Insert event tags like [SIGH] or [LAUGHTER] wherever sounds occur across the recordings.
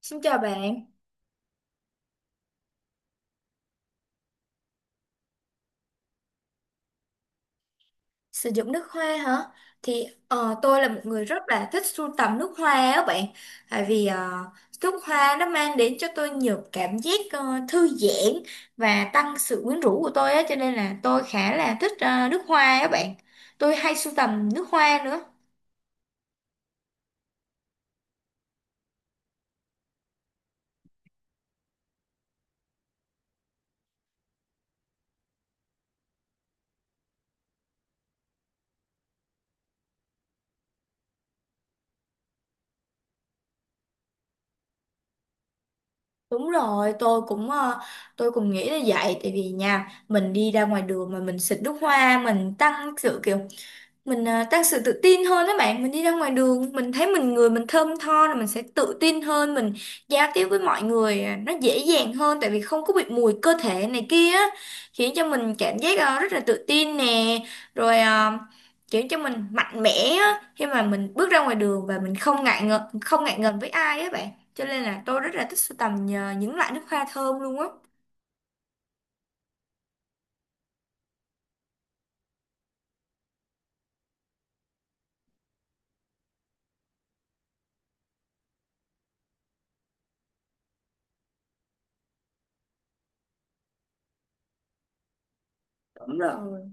Xin chào bạn, sử dụng nước hoa hả? Tôi là một người rất là thích sưu tầm nước hoa á bạn. Tại vì ờ, Nước hoa nó mang đến cho tôi nhiều cảm giác thư giãn và tăng sự quyến rũ của tôi á. Cho nên là tôi khá là thích nước hoa á bạn. Tôi hay sưu tầm nước hoa nữa. Đúng rồi, tôi cũng nghĩ là vậy. Tại vì nha, mình đi ra ngoài đường mà mình xịt nước hoa. Mình tăng sự kiểu mình à, Tăng sự tự tin hơn đó bạn, mình đi ra ngoài đường mình thấy mình người mình thơm tho là mình sẽ tự tin hơn, mình giao tiếp với mọi người nó dễ dàng hơn tại vì không có bị mùi cơ thể này kia á, khiến cho mình cảm giác rất là tự tin nè, rồi à, khiến cho mình mạnh mẽ á khi mà mình bước ra ngoài đường và mình không ngại ngần với ai á bạn, cho nên là tôi rất là thích sưu tầm những loại nước hoa thơm luôn á. Đúng rồi.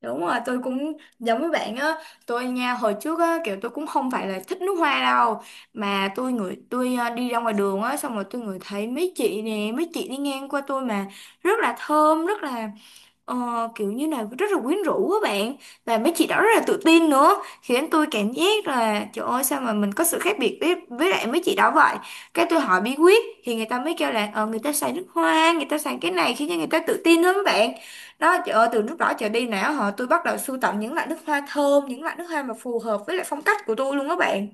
Đúng rồi, tôi cũng giống với bạn á. Tôi nha, hồi trước á kiểu tôi cũng không phải là thích nước hoa đâu, mà tôi ngửi đi ra ngoài đường á, xong rồi tôi ngửi thấy mấy chị nè, mấy chị đi ngang qua tôi mà rất là thơm, rất là kiểu như này rất là quyến rũ các bạn, và mấy chị đó rất là tự tin nữa, khiến tôi cảm giác là trời ơi sao mà mình có sự khác biệt với lại mấy chị đó vậy. Cái tôi hỏi bí quyết thì người ta mới kêu là người ta xài nước hoa, người ta xài cái này khiến cho người ta tự tin lắm các bạn. Đó trời ơi, từ lúc đó trở đi nào họ tôi bắt đầu sưu tầm những loại nước hoa thơm, những loại nước hoa mà phù hợp với lại phong cách của tôi luôn các bạn.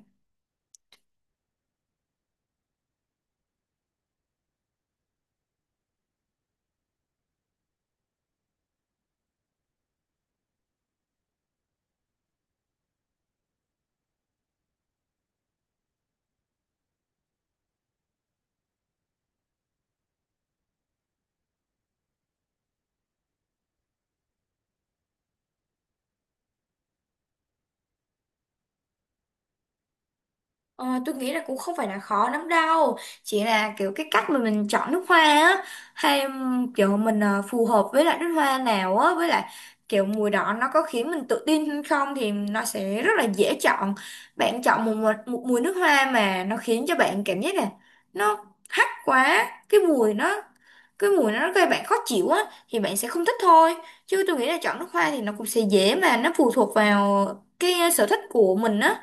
Ờ, tôi nghĩ là cũng không phải là khó lắm đâu, chỉ là kiểu cái cách mà mình chọn nước hoa á, hay kiểu mình phù hợp với lại nước hoa nào á, với lại kiểu mùi đó nó có khiến mình tự tin hay không thì nó sẽ rất là dễ chọn. Bạn chọn một mùi nước hoa mà nó khiến cho bạn cảm giác là nó hắc quá, cái mùi nó gây bạn khó chịu á thì bạn sẽ không thích thôi, chứ tôi nghĩ là chọn nước hoa thì nó cũng sẽ dễ, mà nó phụ thuộc vào cái sở thích của mình á.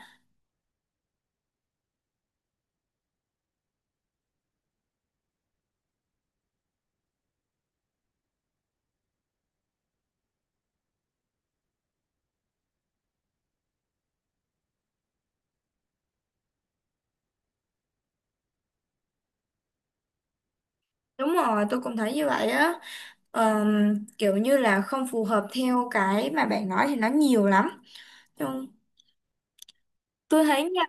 Đúng rồi, tôi cũng thấy như vậy á. Kiểu như là không phù hợp theo cái mà bạn nói thì nó nhiều lắm. Nhưng tôi thấy nha,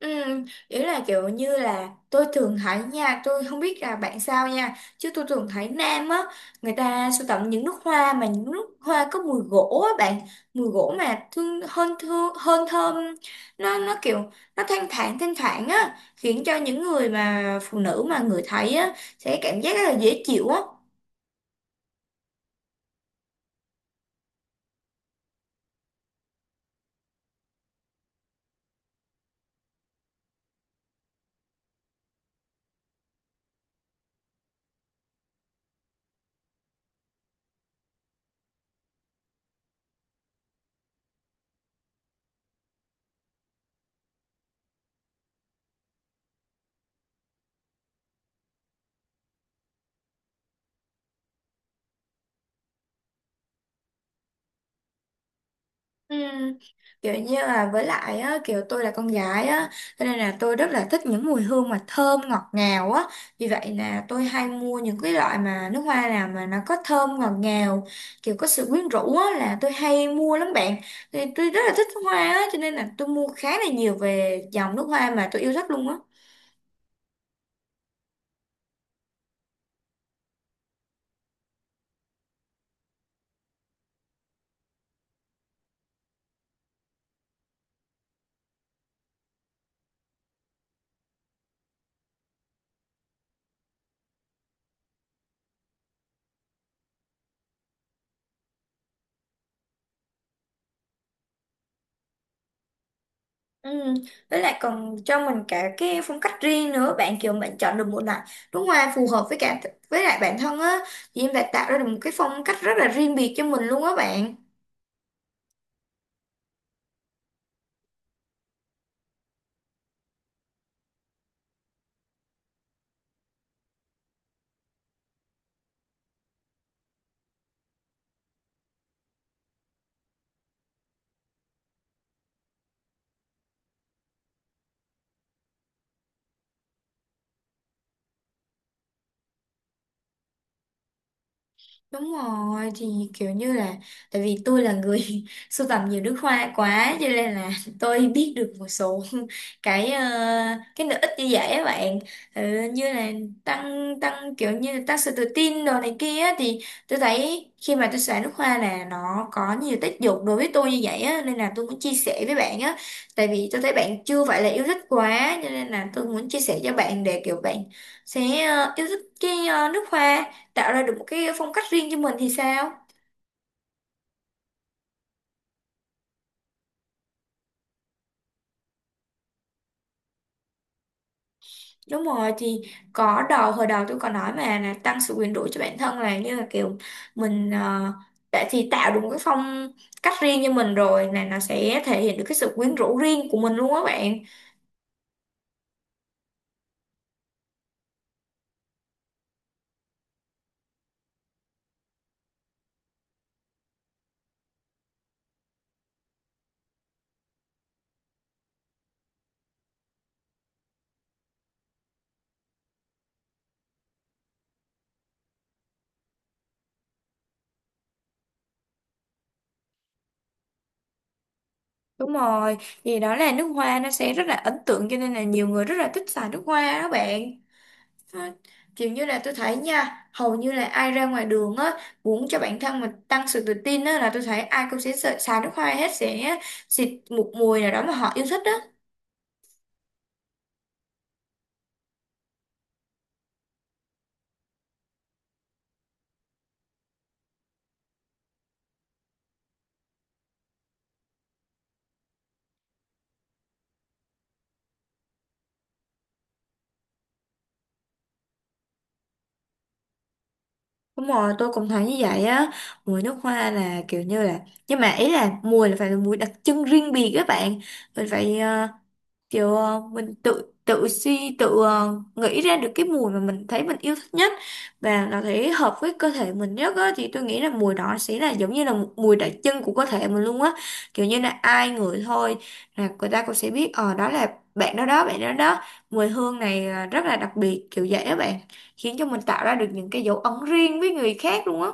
ý là kiểu như là tôi thường thấy nha, tôi không biết là bạn sao nha, chứ tôi thường thấy nam á, người ta sưu tầm những nút hoa mà những nút hoa có mùi gỗ á bạn, mùi gỗ mà thương hơn thơm, nó kiểu nó thanh thản á, khiến cho những người mà phụ nữ mà người thấy á sẽ cảm giác rất là dễ chịu á. Ừ, kiểu như là với lại á, kiểu tôi là con gái á cho nên là tôi rất là thích những mùi hương mà thơm ngọt ngào á, vì vậy là tôi hay mua những cái loại mà nước hoa nào mà nó có thơm ngọt ngào, kiểu có sự quyến rũ á là tôi hay mua lắm bạn. Thì tôi rất là thích hoa á cho nên là tôi mua khá là nhiều về dòng nước hoa mà tôi yêu thích luôn á. Ừ. Với lại còn cho mình cả cái phong cách riêng nữa bạn, kiểu bạn chọn được một loại đúng hoa phù hợp với cả với lại bản thân á thì em đã tạo ra được một cái phong cách rất là riêng biệt cho mình luôn á bạn. Đúng rồi thì kiểu như là tại vì tôi là người [LAUGHS] sưu tầm nhiều nước hoa quá cho nên là [LAUGHS] tôi biết được một số [LAUGHS] cái ờ, cái lợi ích như vậy á bạn. Ờ, như là tăng tăng kiểu như là tăng sự tự tin đồ này kia á, thì tôi thấy khi mà tôi xài nước hoa là nó có nhiều tác dụng đối với tôi như vậy á nên là tôi muốn chia sẻ với bạn á, tại vì tôi thấy bạn chưa phải là yêu thích quá cho nên là tôi muốn chia sẻ cho bạn để kiểu bạn sẽ yêu thích cái nước hoa, tạo ra được một cái phong cách riêng cho mình thì sao. Đúng rồi thì có hồi đầu tôi còn nói mà là tăng sự quyền rũ cho bản thân, là như là kiểu mình ờ, đã thì tạo được một cái phong cách riêng cho mình rồi là nó sẽ thể hiện được cái sự quyến rũ riêng của mình luôn á bạn. Đúng rồi thì đó là nước hoa nó sẽ rất là ấn tượng cho nên là nhiều người rất là thích xài nước hoa đó bạn. À, kiểu như là tôi thấy nha, hầu như là ai ra ngoài đường á muốn cho bản thân mình tăng sự tự tin á là tôi thấy ai cũng sẽ sợ xài nước hoa hết, sẽ xịt một mùi nào đó mà họ yêu thích á. Đúng rồi tôi cũng thấy như vậy á, mùi nước hoa là kiểu như là nhưng mà ý là mùi là phải là mùi đặc trưng riêng biệt các bạn. Mình phải kiểu mình tự tự suy tự nghĩ ra được cái mùi mà mình thấy mình yêu thích nhất và nó thấy hợp với cơ thể mình nhất á, thì tôi nghĩ là mùi đó sẽ là giống như là một mùi đặc trưng của cơ thể mình luôn á. Kiểu như là ai ngửi thôi là người ta cũng sẽ biết ờ đó là bạn đó đó, bạn đó đó, mùi hương này rất là đặc biệt kiểu vậy á bạn, khiến cho mình tạo ra được những cái dấu ấn riêng với người khác luôn á.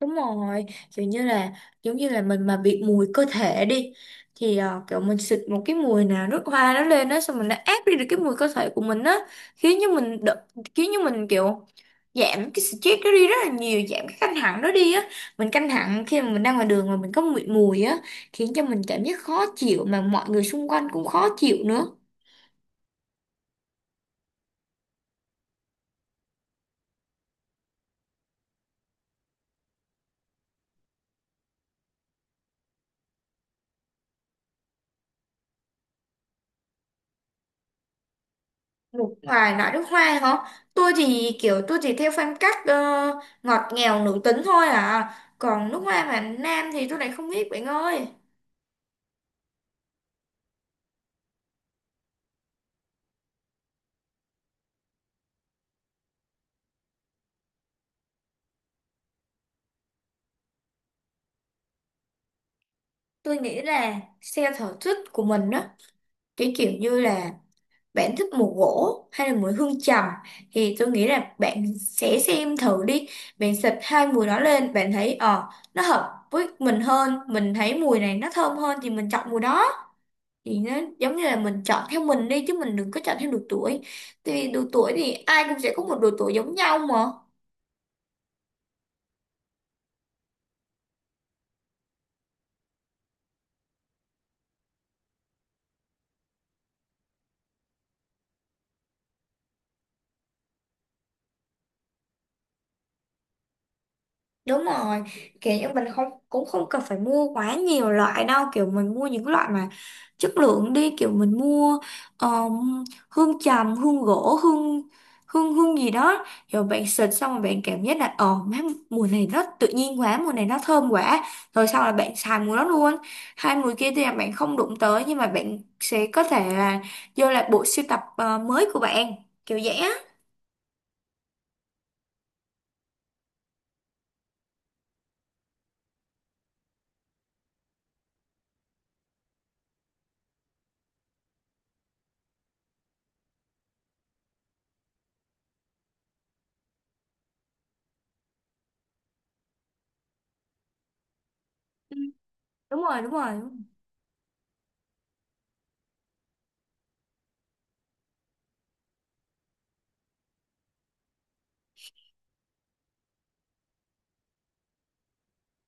Đúng rồi, kiểu như là giống như là mình mà bị mùi cơ thể đi thì kiểu mình xịt một cái mùi nào nước hoa nó lên đó xong mình nó át đi được cái mùi cơ thể của mình á, khiến cho khiến cho mình kiểu giảm cái stress đó đi rất là nhiều, giảm cái căng thẳng đó đi á. Mình căng thẳng khi mà mình đang ngoài đường mà mình có mùi mùi á, khiến cho mình cảm giác khó chịu mà mọi người xung quanh cũng khó chịu nữa. Nước ngoài loại nước hoa hả? Tôi thì kiểu tôi chỉ theo phong cách ngọt ngào nữ tính thôi à. Còn nước hoa mà nam thì tôi lại không biết bạn ơi. Tôi nghĩ là xe sở thích của mình đó. Cái kiểu như là bạn thích mùi gỗ hay là mùi hương trầm thì tôi nghĩ là bạn sẽ xem thử đi. Bạn xịt hai mùi đó lên bạn thấy ờ nó hợp với mình hơn, mình thấy mùi này nó thơm hơn thì mình chọn mùi đó. Thì nó giống như là mình chọn theo mình đi, chứ mình đừng có chọn theo độ tuổi, tại vì độ tuổi thì ai cũng sẽ có một độ tuổi giống nhau mà. Đúng rồi, kiểu như mình không cũng không cần phải mua quá nhiều loại đâu, kiểu mình mua những loại mà chất lượng đi, kiểu mình mua hương trầm, hương gỗ, hương hương hương gì đó, rồi bạn xịt xong rồi bạn cảm giác là ờ má, mùi này nó tự nhiên quá, mùi này nó thơm quá, rồi sau là bạn xài mùi đó luôn. Hai mùi kia thì là bạn không đụng tới, nhưng mà bạn sẽ có thể là vô lại bộ sưu tập mới của bạn, kiểu vậy á. Ừ. Đúng rồi, đúng rồi.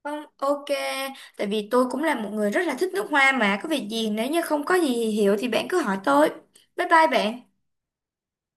Không, ok, tại vì tôi cũng là một người rất là thích nước hoa mà, có việc gì nếu như không có gì hiểu thì bạn cứ hỏi tôi. Bye bye bạn.